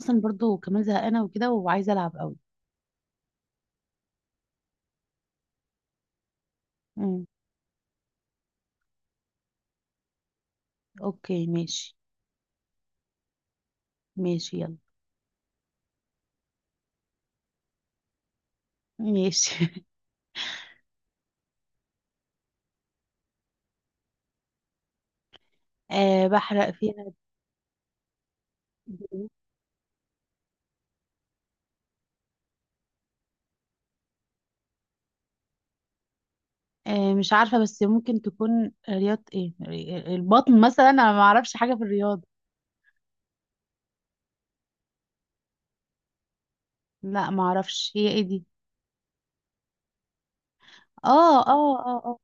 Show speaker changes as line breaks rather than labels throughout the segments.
اصلا برضو كمان زهقانه وكده وعايزه العب قوي. امم. اوكي ماشي. ماشي يلا. ماشي. أه، بحرق فيها. أه، مش عارفه، بس ممكن تكون رياضه ايه، البطن مثلا، انا ما اعرفش حاجه في الرياضه. لا ما اعرفش هي ايه دي. اه، اه، اه، اه.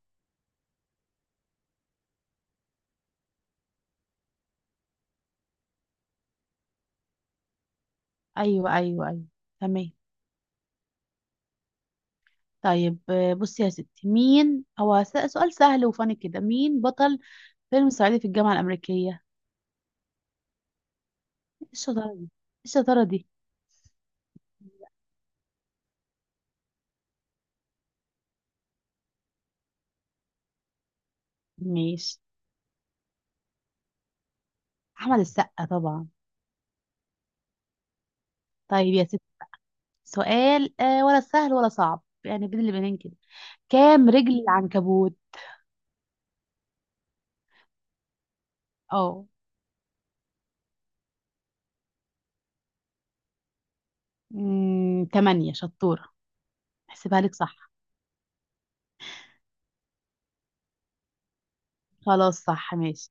ايوه، ايوه، ايوه. تمام. طيب، بصي يا ستي، مين هو سؤال سهل وفاني كده؟ مين بطل فيلم صعيدي في الجامعه الامريكيه؟ ايه الشطاره دي؟ إيه الشطاره دي. ماشي. احمد السقا طبعا. طيب يا ست، سؤال ولا سهل ولا صعب، يعني بين البنين كده. كام رجل العنكبوت؟ اه. تمانية، شطورة. احسبها لك صح. خلاص، صح ماشي.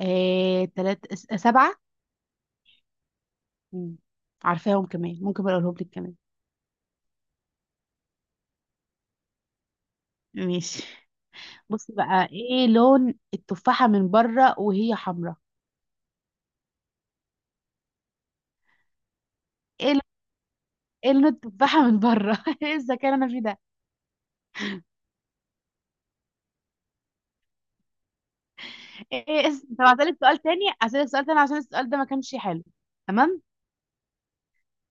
سبعة. مم. عارفاهم كمان، ممكن بقى اقولهم لك كمان. ماشي. بصي بقى، ايه لون التفاحة من بره وهي حمراء؟ ايه لون- ايه لون التفاحة من بره؟ ايه الذكاء اللي انا فيه ده! ايه اسم طب هسألك سؤال تاني عشان السؤال ده ما كانش حلو. تمام.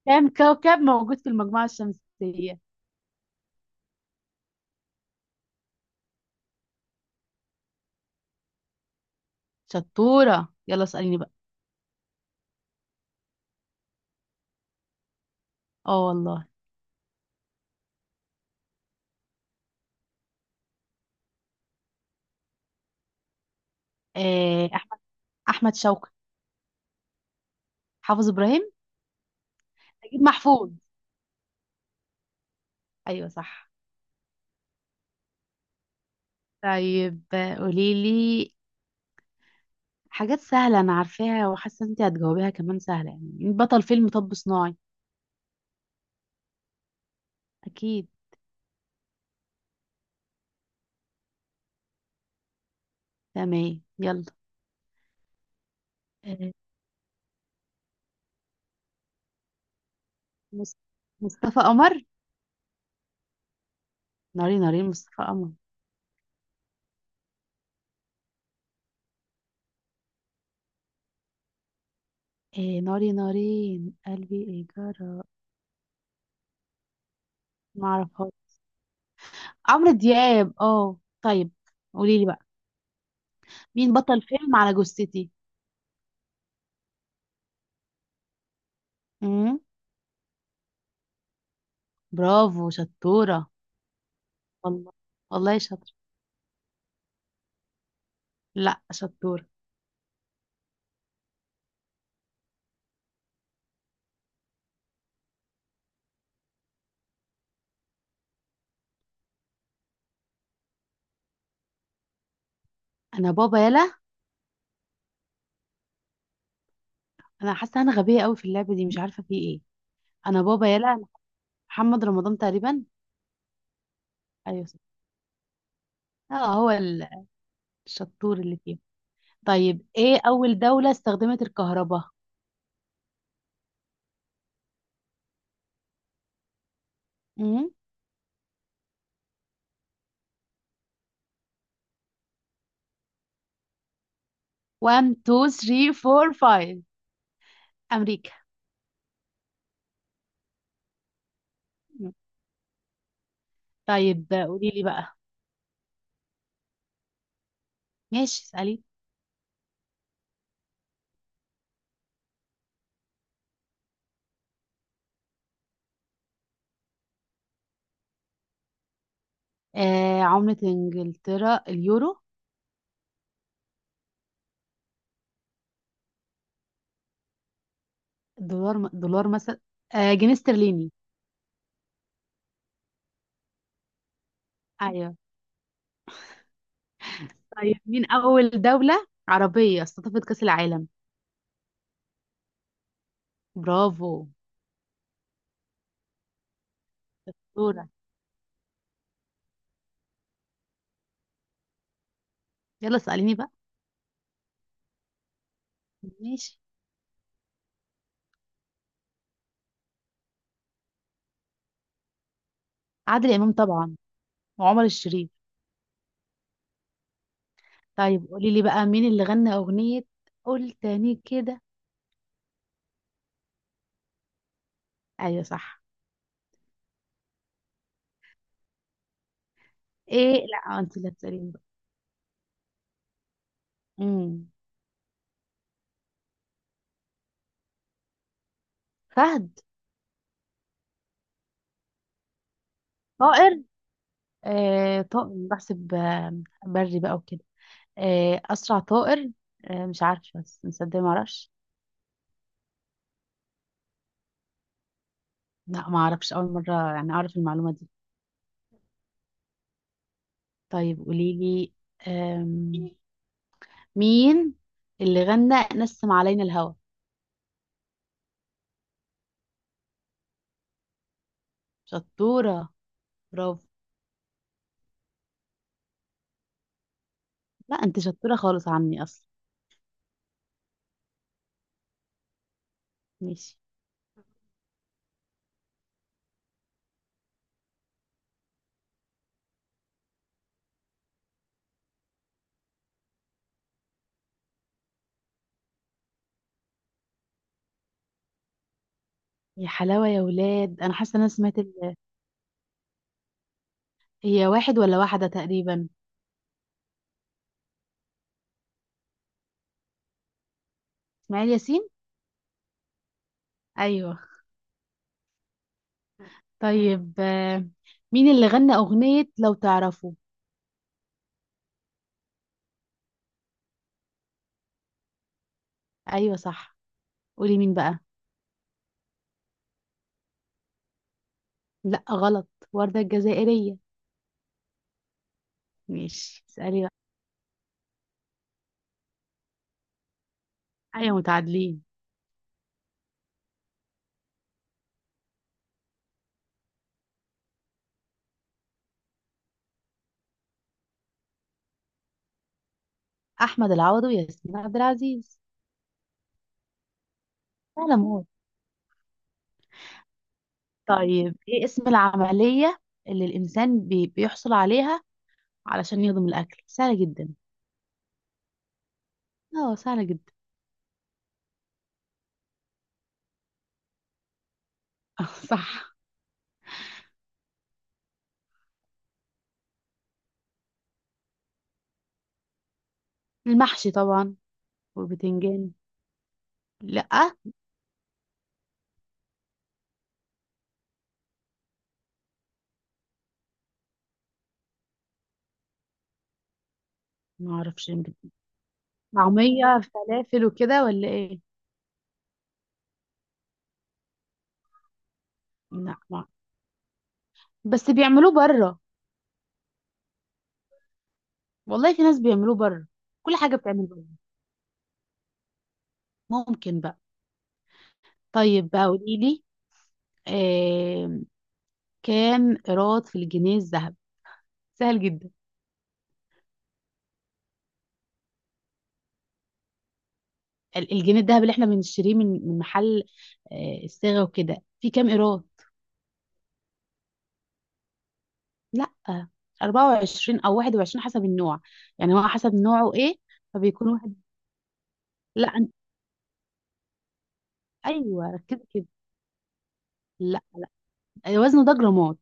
كام كوكب موجود في المجموعة الشمسية؟ شطورة، يلا اسأليني بقى. اه والله. آه، أحمد أحمد شوقي. حافظ إبراهيم. أكيد محفوظ. أيوة صح. طيب، قوليلي. حاجات سهلة أنا عارفاها وحاسة إن أنت هتجاوبيها كمان سهلة، يعني بطل فيلم طب صناعي. أكيد. تمام يلا. آه، مص- مصطفى قمر. ناري نارين مصطفى قمر. إيه ناري نارين قلبي إيه؟ جرى. معرفهاش. عمرو دياب، اه طيب. قوليلي بقى، مين بطل فيلم على جثتي. امم. برافو شطورة. والله. والله شاطرة. لا، شطورة. انا بابا يلا. انا حاسة انا غبية قوي في اللعبة دي، مش عارفة في ايه. انا بابا يلا. محمد رمضان تقريبا. ايوه صح. اه، هو الشطور اللي فيه. طيب، ايه اول دولة استخدمت الكهرباء؟ امم. 1 2 3 4 5. امريكا. مم. طيب قولي لي بقى. ماشي اسألي. عملة انجلترا اليورو. دولار، دولار مثلا. جنيه استرليني. ايوه. طيب، مين اول دولة عربية استضافت كأس العالم؟ برافو. دورة. يلا اسأليني بقى. ماشي. عادل امام طبعا. وعمر الشريف. طيب قولي لي بقى، مين اللي غنى اغنية. قول تاني كده. ايوه صح. ايه، لا انت اللي هتسأليني بقى. امم. فهد. طائر. طائر بحسب بري بقى وكده. اسرع طائر. مش عارفة، بس مصدق ما اعرفش. لا ما اعرفش، اول مرة يعني اعرف المعلومة دي. طيب قولي لي مين اللي غنى نسم علينا الهوى. شطورة. برافو. لا انت شطورة خالص عني اصلا. ماشي. يا حلاوة يا ولاد، انا حاسة ان انا سمعت. هي واحد ولا واحدة تقريبا. اسماعيل ياسين. ايوه. طيب، مين اللي غنى اغنية لو تعرفوا؟ ايوه صح. قولي مين بقى. لا غلط. وردة الجزائرية. ماشي اسألي بقى. ايوه متعادلين. احمد العوضي وياسمين عبد العزيز. سلام. طيب ايه اسم العملية اللي الإنسان بيحصل عليها علشان يهضم الأكل؟ سهلة جدا. اه سهلة جدا. صح. المحشي طبعا. والبتنجان. لأ. معرفش. طعمية، فلافل وكده ولا ايه؟ لا ما، بس بيعملوه بره. والله في ناس بيعملوه بره. كل حاجة بتعمل بره، ممكن بقى. طيب بقى قوليلي، آه كام إيراد في الجنيه الذهبي؟ سهل جدا. الجنيه الذهب اللي احنا بنشتريه من محل الصاغة وكده، في كام قيراط؟ لا، 24 او 21 حسب النوع، يعني هو حسب نوعه ايه. فبيكون واحد. لا أنت- ايوه ركزي كده. لا، وزنه ده جرامات.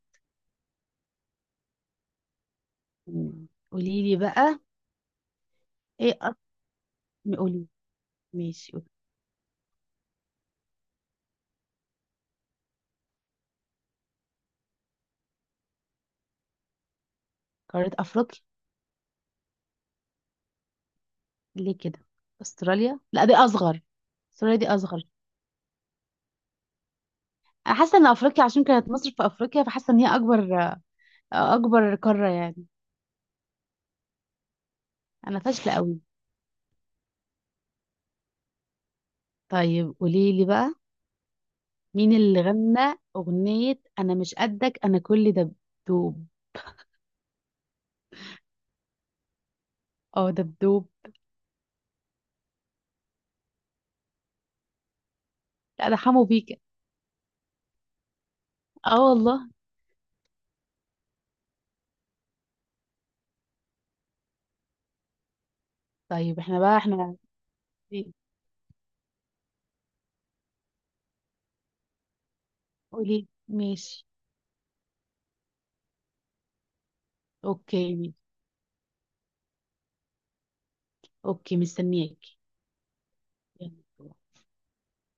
مم. قولي لي بقى. ايه أط- قولي ماشي. قولي. قارة افريقيا. ليه كده؟ استراليا، لا دي اصغر. استراليا دي اصغر. انا حاسه ان افريقيا، عشان كانت مصر في افريقيا فحاسه ان هي اكبر، اكبر قاره يعني. انا فاشله قوي. طيب قولي لي بقى، مين اللي غنى أغنية أنا مش قدك أنا كل دبدوب؟ اه دبدوب. لا ده حمو بيكا. اه والله. طيب احنا بقى احنا. قولي ماشي. اوكي. اوكي مستنياكي. يلا.